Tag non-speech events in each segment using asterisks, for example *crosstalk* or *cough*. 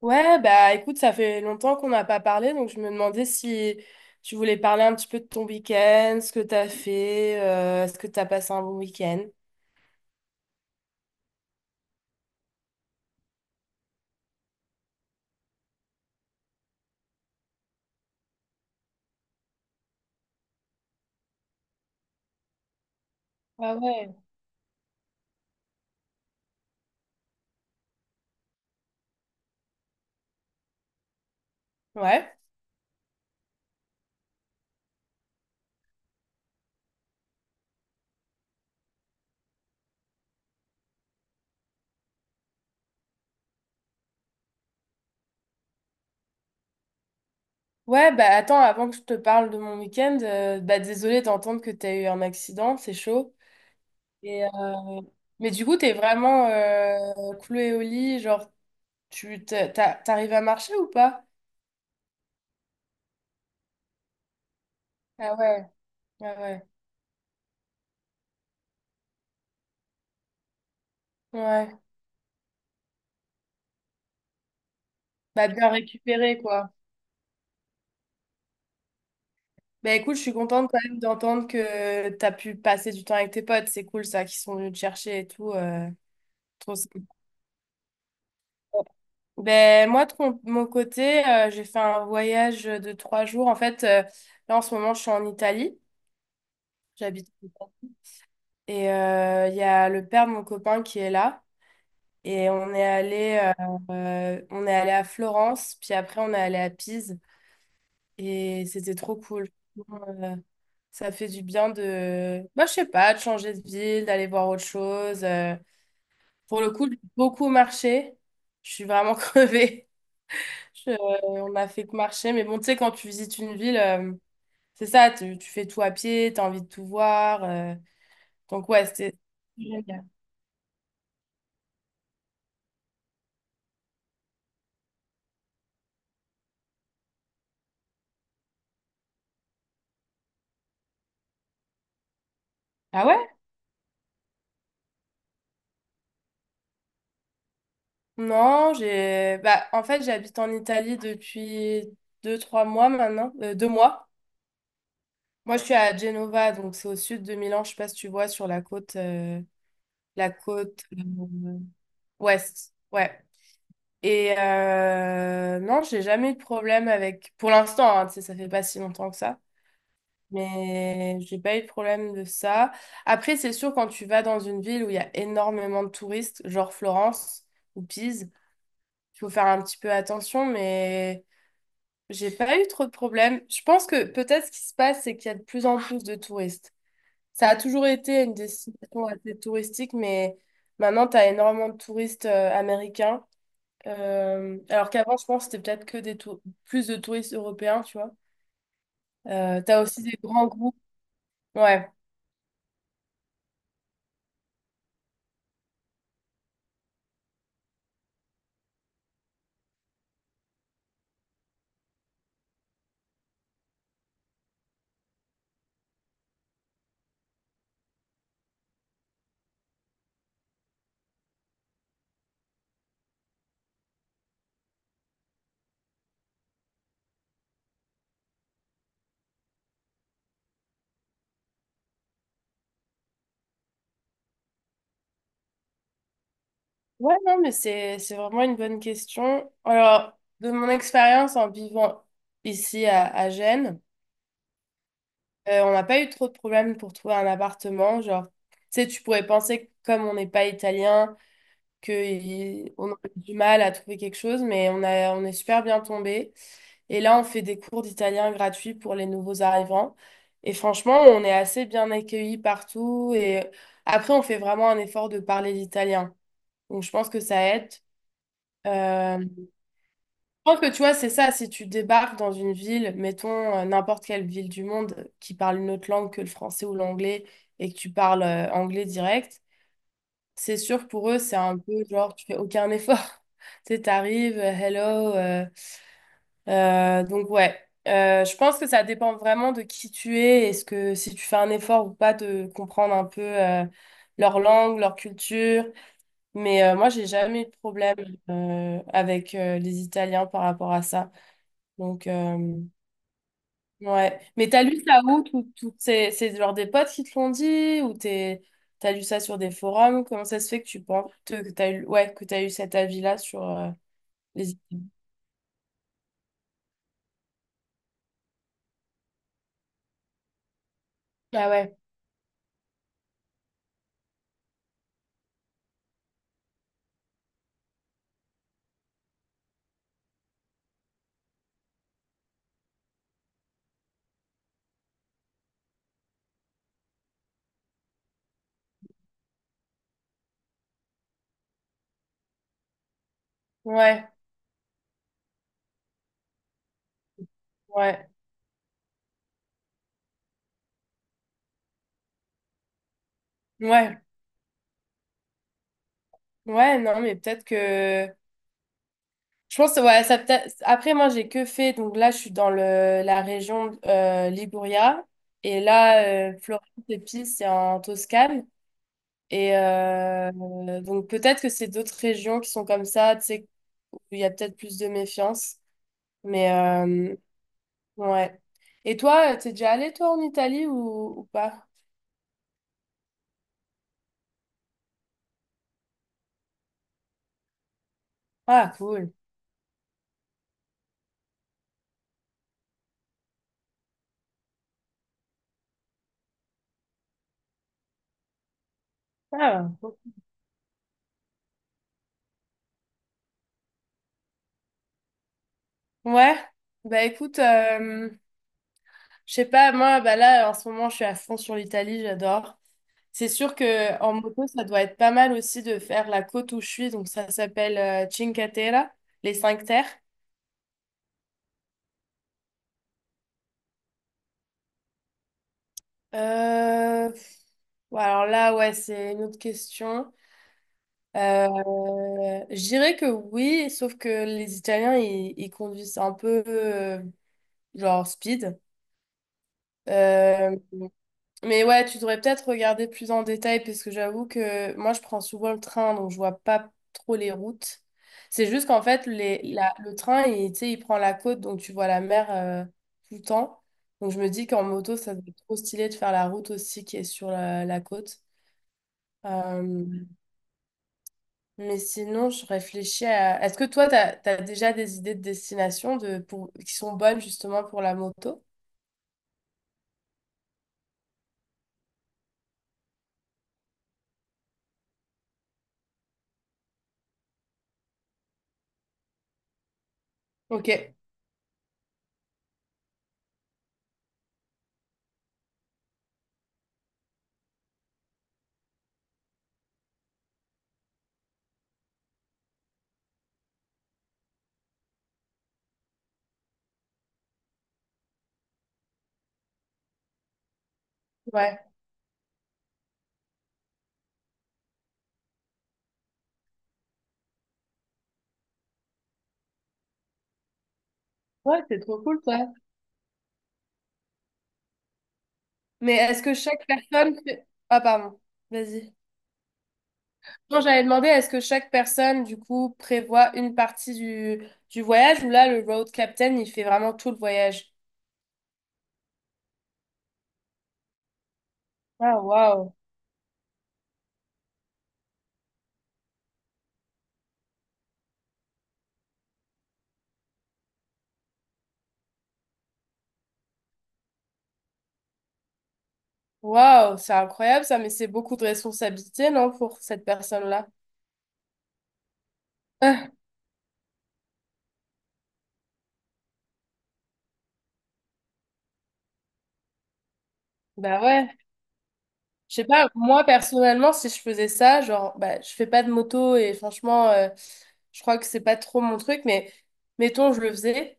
Ouais, bah écoute, ça fait longtemps qu'on n'a pas parlé, donc je me demandais si tu voulais parler un petit peu de ton week-end, ce que t'as fait, est-ce que t'as passé un bon week-end? Ah ouais. Ouais. Ouais, bah attends, avant que je te parle de mon week-end, bah désolée d'entendre que t'as eu un accident, c'est chaud. Et, mais du coup, t'es vraiment clouée au lit, genre, tu t'arrives à marcher ou pas? Ah ouais, ah ouais, ouais. Bah bien récupéré, quoi. Ben écoute, je suis contente quand même d'entendre que tu as pu passer du temps avec tes potes. C'est cool ça, qu'ils sont venus te chercher et tout. Trop sympa. Ben moi, de mon côté, j'ai fait un voyage de 3 jours. En fait, là en ce moment, je suis en Italie. J'habite en Italie. Et il y a le père de mon copain qui est là. Et on est allé à Florence, puis après on est allé à Pise. Et c'était trop cool. Euh, Ça fait du bien de, bah, je sais pas, de changer de ville, d'aller voir autre chose. Pour le coup, j'ai beaucoup marché. Je suis vraiment *laughs* crevée. Je- euh, on a fait que marcher. Mais bon, tu sais, quand tu visites une ville, c'est ça, tu fais tout à pied, tu as envie de tout voir. Donc, ouais, c'était génial. Ah ouais? Non, bah, en fait, j'habite en Italie depuis 2, 3 mois maintenant, 2 mois. Moi, je suis à Genova, donc c'est au sud de Milan. Je sais pas si tu vois sur la côtela côte euh, ouest. Ouais. Et non, j'ai jamais eu de problème avec. Pour l'instant, hein, tu sais, ça fait pas si longtemps que ça. Mais j'ai pas eu de problème de ça. Après, c'est sûr, quand tu vas dans une ville où il y a énormément de touristes, genre Florence ou Pise, il faut faire un petit peu attention, mais j'ai pas eu trop de problèmes. Je pense que peut-être ce qui se passe, c'est qu'il y a de plus en plus de touristes. Ça a toujours été une destination assez touristique, mais maintenant, tu as énormément de touristes américains. Alors qu'avant, je pense que c'était peut-être que plus de touristes européens, tu vois. Tu as aussi des grands groupes. Ouais. Ouais, non, mais c'est vraiment une bonne question. Alors, de mon expérience en vivant ici à Gênes, on n'a pas eu trop de problèmes pour trouver un appartement. Genre, tu sais, tu pourrais penser que comme on n'est pas italien, on a eu du mal à trouver quelque chose, mais on est super bien tombé. Et là, on fait des cours d'italien gratuits pour les nouveaux arrivants. Et franchement, on est assez bien accueillis partout. Et après, on fait vraiment un effort de parler l'italien. Donc, je pense que ça aide. Je pense que tu vois, c'est ça, si tu débarques dans une ville, mettons n'importe quelle ville du monde qui parle une autre langue que le français ou l'anglais et que tu parles anglais direct, c'est sûr pour eux, c'est un peu genre, tu fais aucun effort. *laughs* Tu sais, t'arrives, hello. Donc, ouais. Je pense que ça dépend vraiment de qui tu es. Est-ce que si tu fais un effort ou pas de comprendre un peu leur langue, leur culture. Mais moi, j'ai jamais eu de problème avec les Italiens par rapport à ça. Donc, ouais. Mais t'as lu ça où? Toutes ces, c'est genre des potes qui te l'ont dit? Ou t'as lu ça sur des forums? Comment ça se fait que tu penses que t'as eu cet avis-là sur les études? Ah ouais. Ouais, ouais, ouais, ouais, non, mais peut-être que. Je pense, ouais, ça peut-être. Après, moi, j'ai que fait. Donc là, je suis dans la région Liguria. Et là, Florence et Pise, c'est en Toscane. Et donc, peut-être que c'est d'autres régions qui sont comme ça, tu sais, il y a peut-être plus de méfiance. Mais ouais. Et toi, t'es déjà allé toi en Italie ou pas? Ah, cool. Ah, cool. Ouais. Bah écoute, je sais pas, moi, bah là, en ce moment, je suis à fond sur l'Italie, j'adore. C'est sûr que en moto, ça doit être pas mal aussi de faire la côte où je suis, donc ça s'appelle Cinque Terre, les cinq terres. Euh, pff, bon, alors là, ouais, c'est une autre question. Euh, je dirais que oui, sauf que les Italiens, ils conduisent un peu genre speed. Euh, mais ouais, tu devrais peut-être regarder plus en détail parce que j'avoue que moi, je prends souvent le train, donc je vois pas trop les routes. C'est juste qu'en fait, le train, tu sais, il prend la côte, donc tu vois la mer tout le temps. Donc je me dis qu'en moto, ça serait trop stylé de faire la route aussi qui est sur la côte. Euh, Mais sinon, je réfléchis à. Est-ce que toi, t'as déjà des idées de destination pour, qui sont bonnes justement pour la moto? Ok. Ouais. Ouais, c'est trop cool, ça. Mais est-ce que chaque personne Ah, pardon. Vas-y. Non, j'avais demandé, est-ce que chaque personne, du coup, prévoit une partie du voyage ou là, le road captain, il fait vraiment tout le voyage? Ah, waouh. Waouh, c'est incroyable ça, mais c'est beaucoup de responsabilité, non, pour cette personne-là? Ah, bah ouais. Je sais pas, moi personnellement, si je faisais ça, genre, bah, je fais pas de moto et franchement, je crois que c'est pas trop mon truc, mais mettons, je le faisais.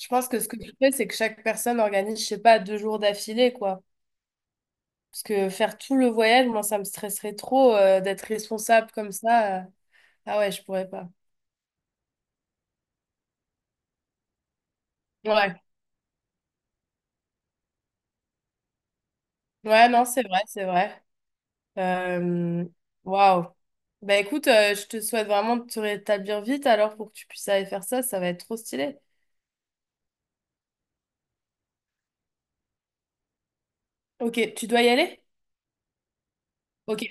Je pense que ce que je fais, c'est que chaque personne organise, je sais pas, 2 jours d'affilée, quoi. Parce que faire tout le voyage, moi, ça me stresserait trop, d'être responsable comme ça. Ah ouais, je pourrais pas. Ouais, ouais, non, c'est vrai, c'est vrai. Euh, Waouh. Bah écoute, je te souhaite vraiment de te rétablir vite alors pour que tu puisses aller faire ça, ça va être trop stylé. Ok, tu dois y aller? Ok,